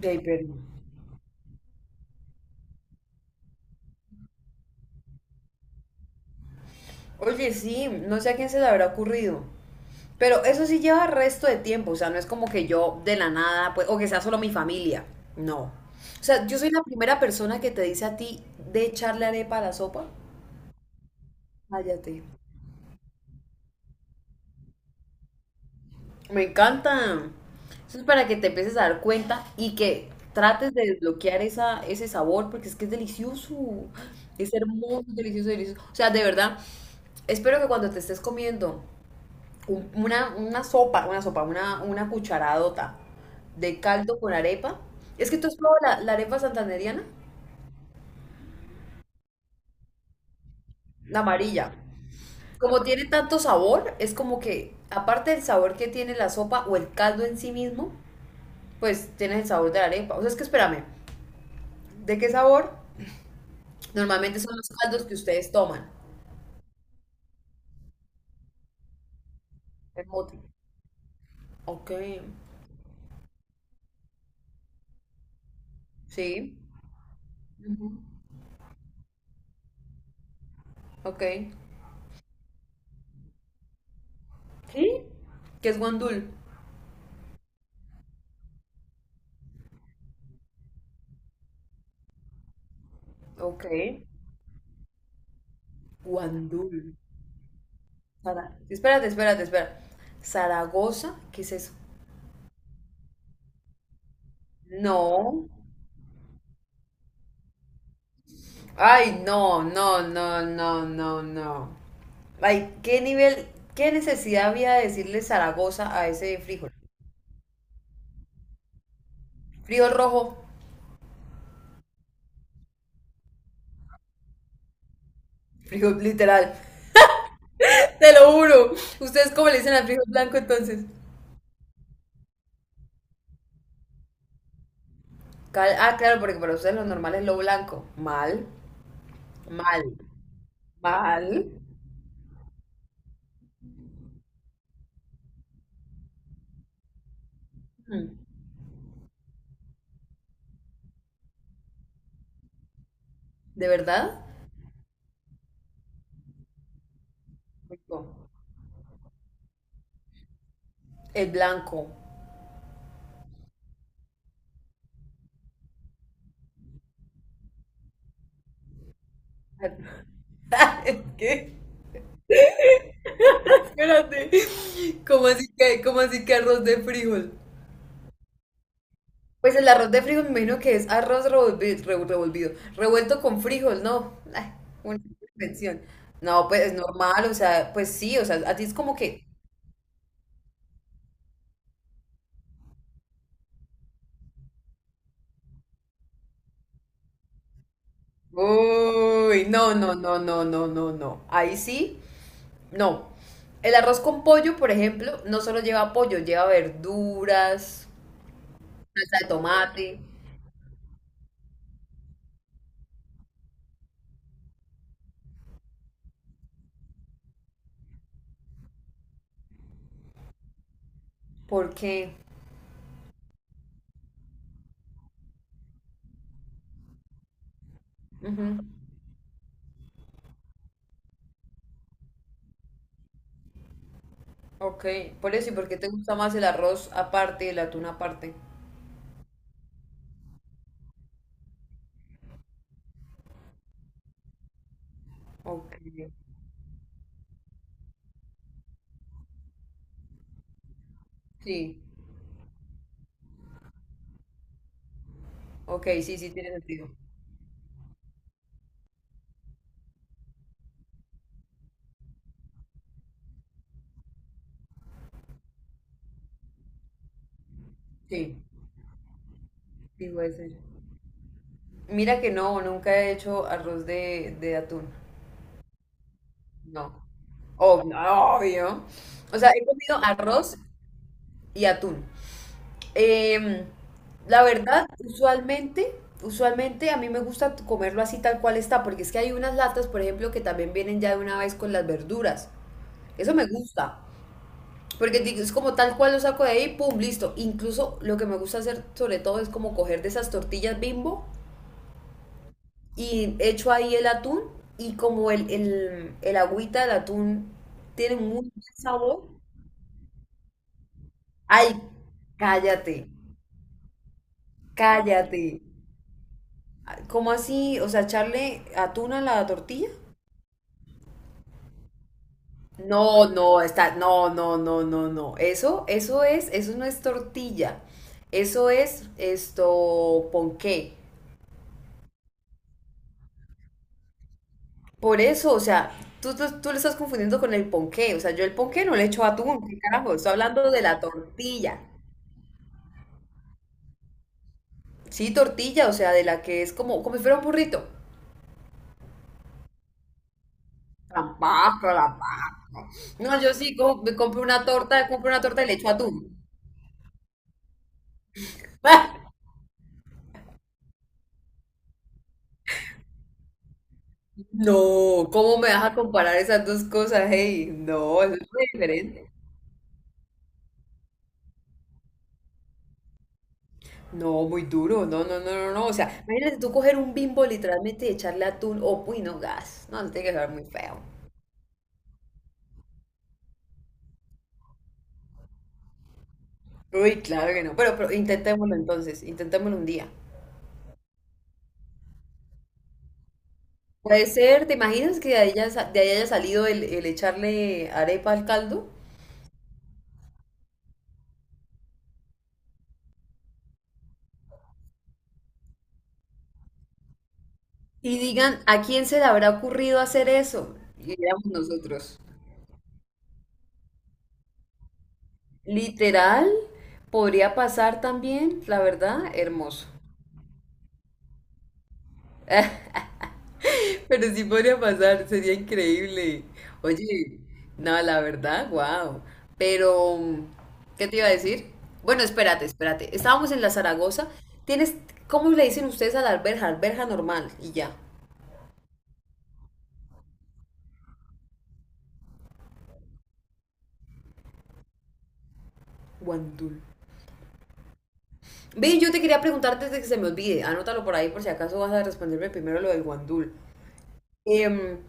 De ahí, pero... Oye, sí, no sé a quién se le habrá ocurrido. Pero eso sí lleva resto de tiempo, o sea, no es como que yo de la nada, pues, o que sea solo mi familia. No. O sea, yo soy la primera persona que te dice a ti de echarle arepa a la sopa. Cállate. Me encanta. Eso es para que te empieces a dar cuenta y que trates de desbloquear ese sabor, porque es que es delicioso. Es hermoso, delicioso, delicioso. O sea, de verdad, espero que cuando te estés comiendo una sopa, una cucharadota de caldo con arepa. Es que tú has probado la arepa santandereana, la amarilla. Como tiene tanto sabor, es como que, aparte del sabor que tiene la sopa o el caldo en sí mismo, pues tienes el sabor de la arepa. O sea, es que espérame, ¿de qué sabor? Normalmente son los caldos que ustedes toman. El mote. Ok, sí. Ujú. Ok. ¿Sí? ¿Qué es guandul? Ok. Guandul. Espérate, espérate, espera. ¿Zaragoza? ¿Qué es eso? No. Ay, no, no, no, no, no, no. Ay, ¿qué nivel, qué necesidad había de decirle Zaragoza a ese frijol? Frijol rojo, frijol literal. Te lo juro. ¿Ustedes cómo le dicen al frijol blanco entonces? Ah, claro, porque para ustedes lo normal es lo blanco. Mal, mal, mal. Mm, ¿de verdad? Rico. El blanco. ¿Qué? Espérate. ¿Cómo así cómo así que arroz de frijol? Pues el arroz de frijol me imagino que es arroz revolvido, revuelto con frijol, ¿no? Ay, una invención. No, pues es normal, o sea, pues sí, o sea, a ti es como que, uy, no, no, no, no, no, no, no. Ahí sí, no. El arroz con pollo, por ejemplo, no solo lleva pollo, lleva verduras, salsa de tomate, porque, ¿qué? Ujú. Ok, por eso y por qué te gusta más el arroz aparte y el atún aparte. Ok, sí, ok, sí, sí, tiene sentido. Sí, sí, puede ser. Mira que no, nunca he hecho arroz de atún. No, obvio, obvio. O sea, he comido arroz y atún. Em, la verdad, usualmente, usualmente a mí me gusta comerlo así tal cual está, porque es que hay unas latas, por ejemplo, que también vienen ya de una vez con las verduras. Eso me gusta. Porque es como tal cual lo saco de ahí, pum, listo. Incluso lo que me gusta hacer sobre todo es como coger de esas tortillas bimbo y echo ahí el atún y como el agüita del atún tiene muy buen sabor. Ay, cállate, cállate. ¿Cómo así? O sea, echarle atún a la tortilla. No, no, está, no, no, no, no, no. Eso es, eso no es tortilla. Eso es esto, ponqué. Por eso, o sea, tú lo estás confundiendo con el ponqué. O sea, yo el ponqué no le echo atún, ¿qué carajo? Estoy hablando de la tortilla. Sí, tortilla, o sea, de la que es como, como si fuera un burrito. Tampoco, tampoco. No, yo me compro una torta y le echo atún. ¡Ah! No, ¿cómo me vas a comparar esas dos cosas? Hey, no, eso es muy diferente. No, muy duro, no, no, no, no, no. O sea, imagínate tú coger un bimbo literalmente y echarle atún o, uy, no, gas. No, eso tiene que saber muy feo. Uy, claro que no. Pero intentémoslo entonces, intentémoslo un día. Puede ser, ¿te imaginas que de ahí, de ahí haya salido el echarle arepa al caldo? Y digan, ¿a quién se le habrá ocurrido hacer eso? Y éramos nosotros. Literal, podría pasar también, la verdad, hermoso. Pero sí podría pasar, sería increíble. Oye, no, la verdad, wow. Pero, ¿qué te iba a decir? Bueno, espérate, espérate. Estábamos en la Zaragoza. Tienes, ¿cómo le dicen ustedes a la alberja? Alberja normal y ya. Guandul. Ve, yo te quería preguntar antes de que se me olvide. Anótalo por ahí por si acaso vas a responderme primero lo del guandul. Em,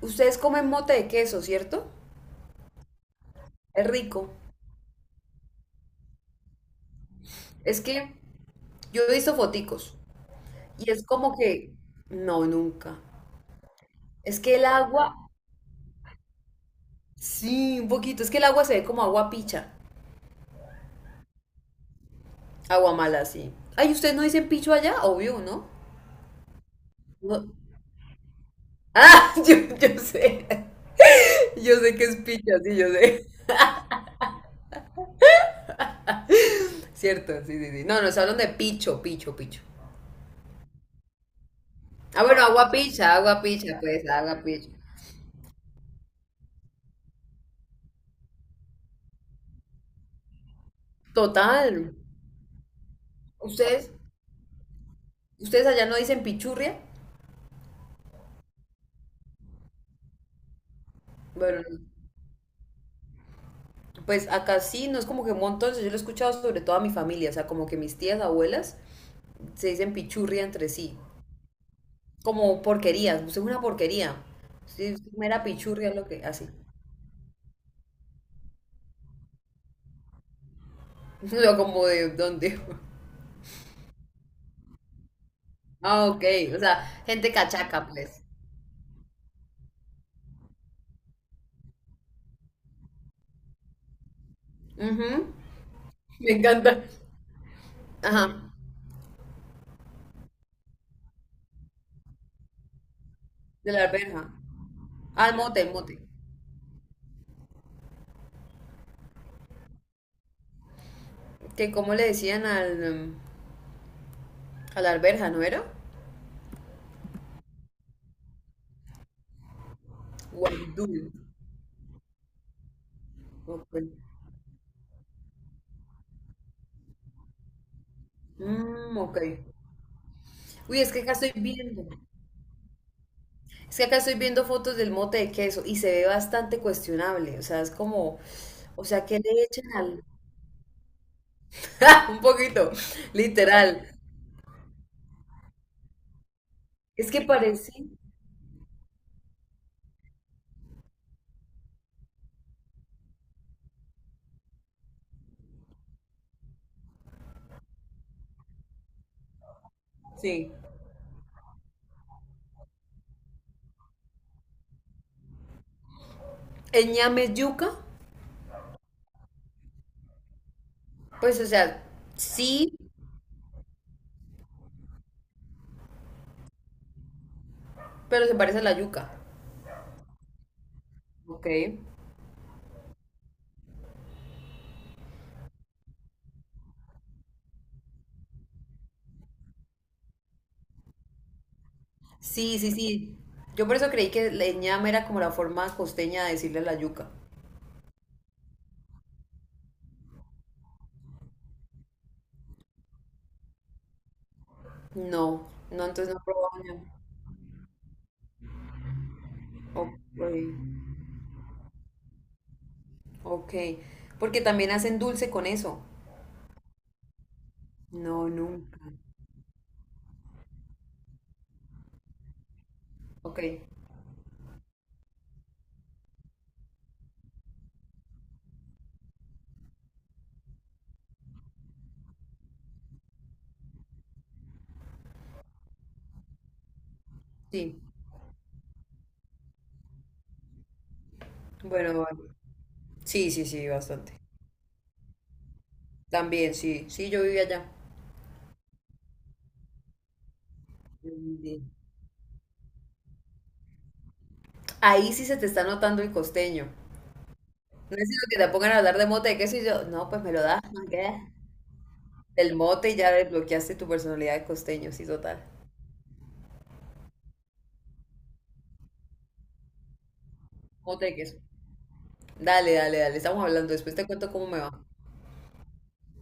ustedes comen mote de queso, ¿cierto? Es rico. Es que yo he visto foticos y es como que no, nunca. Es que el agua, sí, un poquito, es que el agua se ve como agua picha, agua mala, sí. Ay, ¿ustedes no dicen picho allá? Obvio, ¿no? No. Ah, yo sé, yo sé que es picha, sí, yo sé. Cierto, sí, sí, sí. No, nos hablan de picho, picho, picho. Ah, bueno, agua picha, pues, agua picha. Total. ¿Ustedes, ustedes allá no dicen pichurria? Bueno, pues acá sí, no es como que un montón, yo lo he escuchado sobre todo a mi familia, o sea, como que mis tías, abuelas, se dicen pichurria entre sí. Como porquerías, usted es una porquería. Sí, usted es mera pichurria lo que, así. Yo como de dónde. Ah, ok. O sea, gente cachaca, pues. Ujú, me encanta. Ajá. De la alberja. Al mote, el mote. Que como le decían al, em, a la alberja, ¿no era? Guaidul. Ok. Mm, ok. Uy, es que acá estoy viendo. Es que acá estoy viendo fotos del mote de queso y se ve bastante cuestionable. O sea, es como. O sea, ¿qué le echan al, un poquito, literal. Es que parece, sí. El ñame es yuca, pues o sea, sí, pero se parece a la yuca. Ok. Sí, sí, sí. Yo por eso creí que el ñame era como la forma costeña de decirle a la yuca. No, no, entonces no probaba ñame. Ok, ok. Porque también hacen dulce con eso. No, nunca. Ok, sí. Bueno, vale. Sí, sí, sí, bastante. También, sí, sí, yo vivía allá. Ahí sí se te está notando el costeño. No es sino que te pongan a hablar de mote de queso y yo, no, pues me lo das, man, ¿qué? Del mote y ya desbloqueaste tu personalidad de costeño, sí, total. Mote de queso. Dale, dale, dale, estamos hablando, después te cuento cómo me va.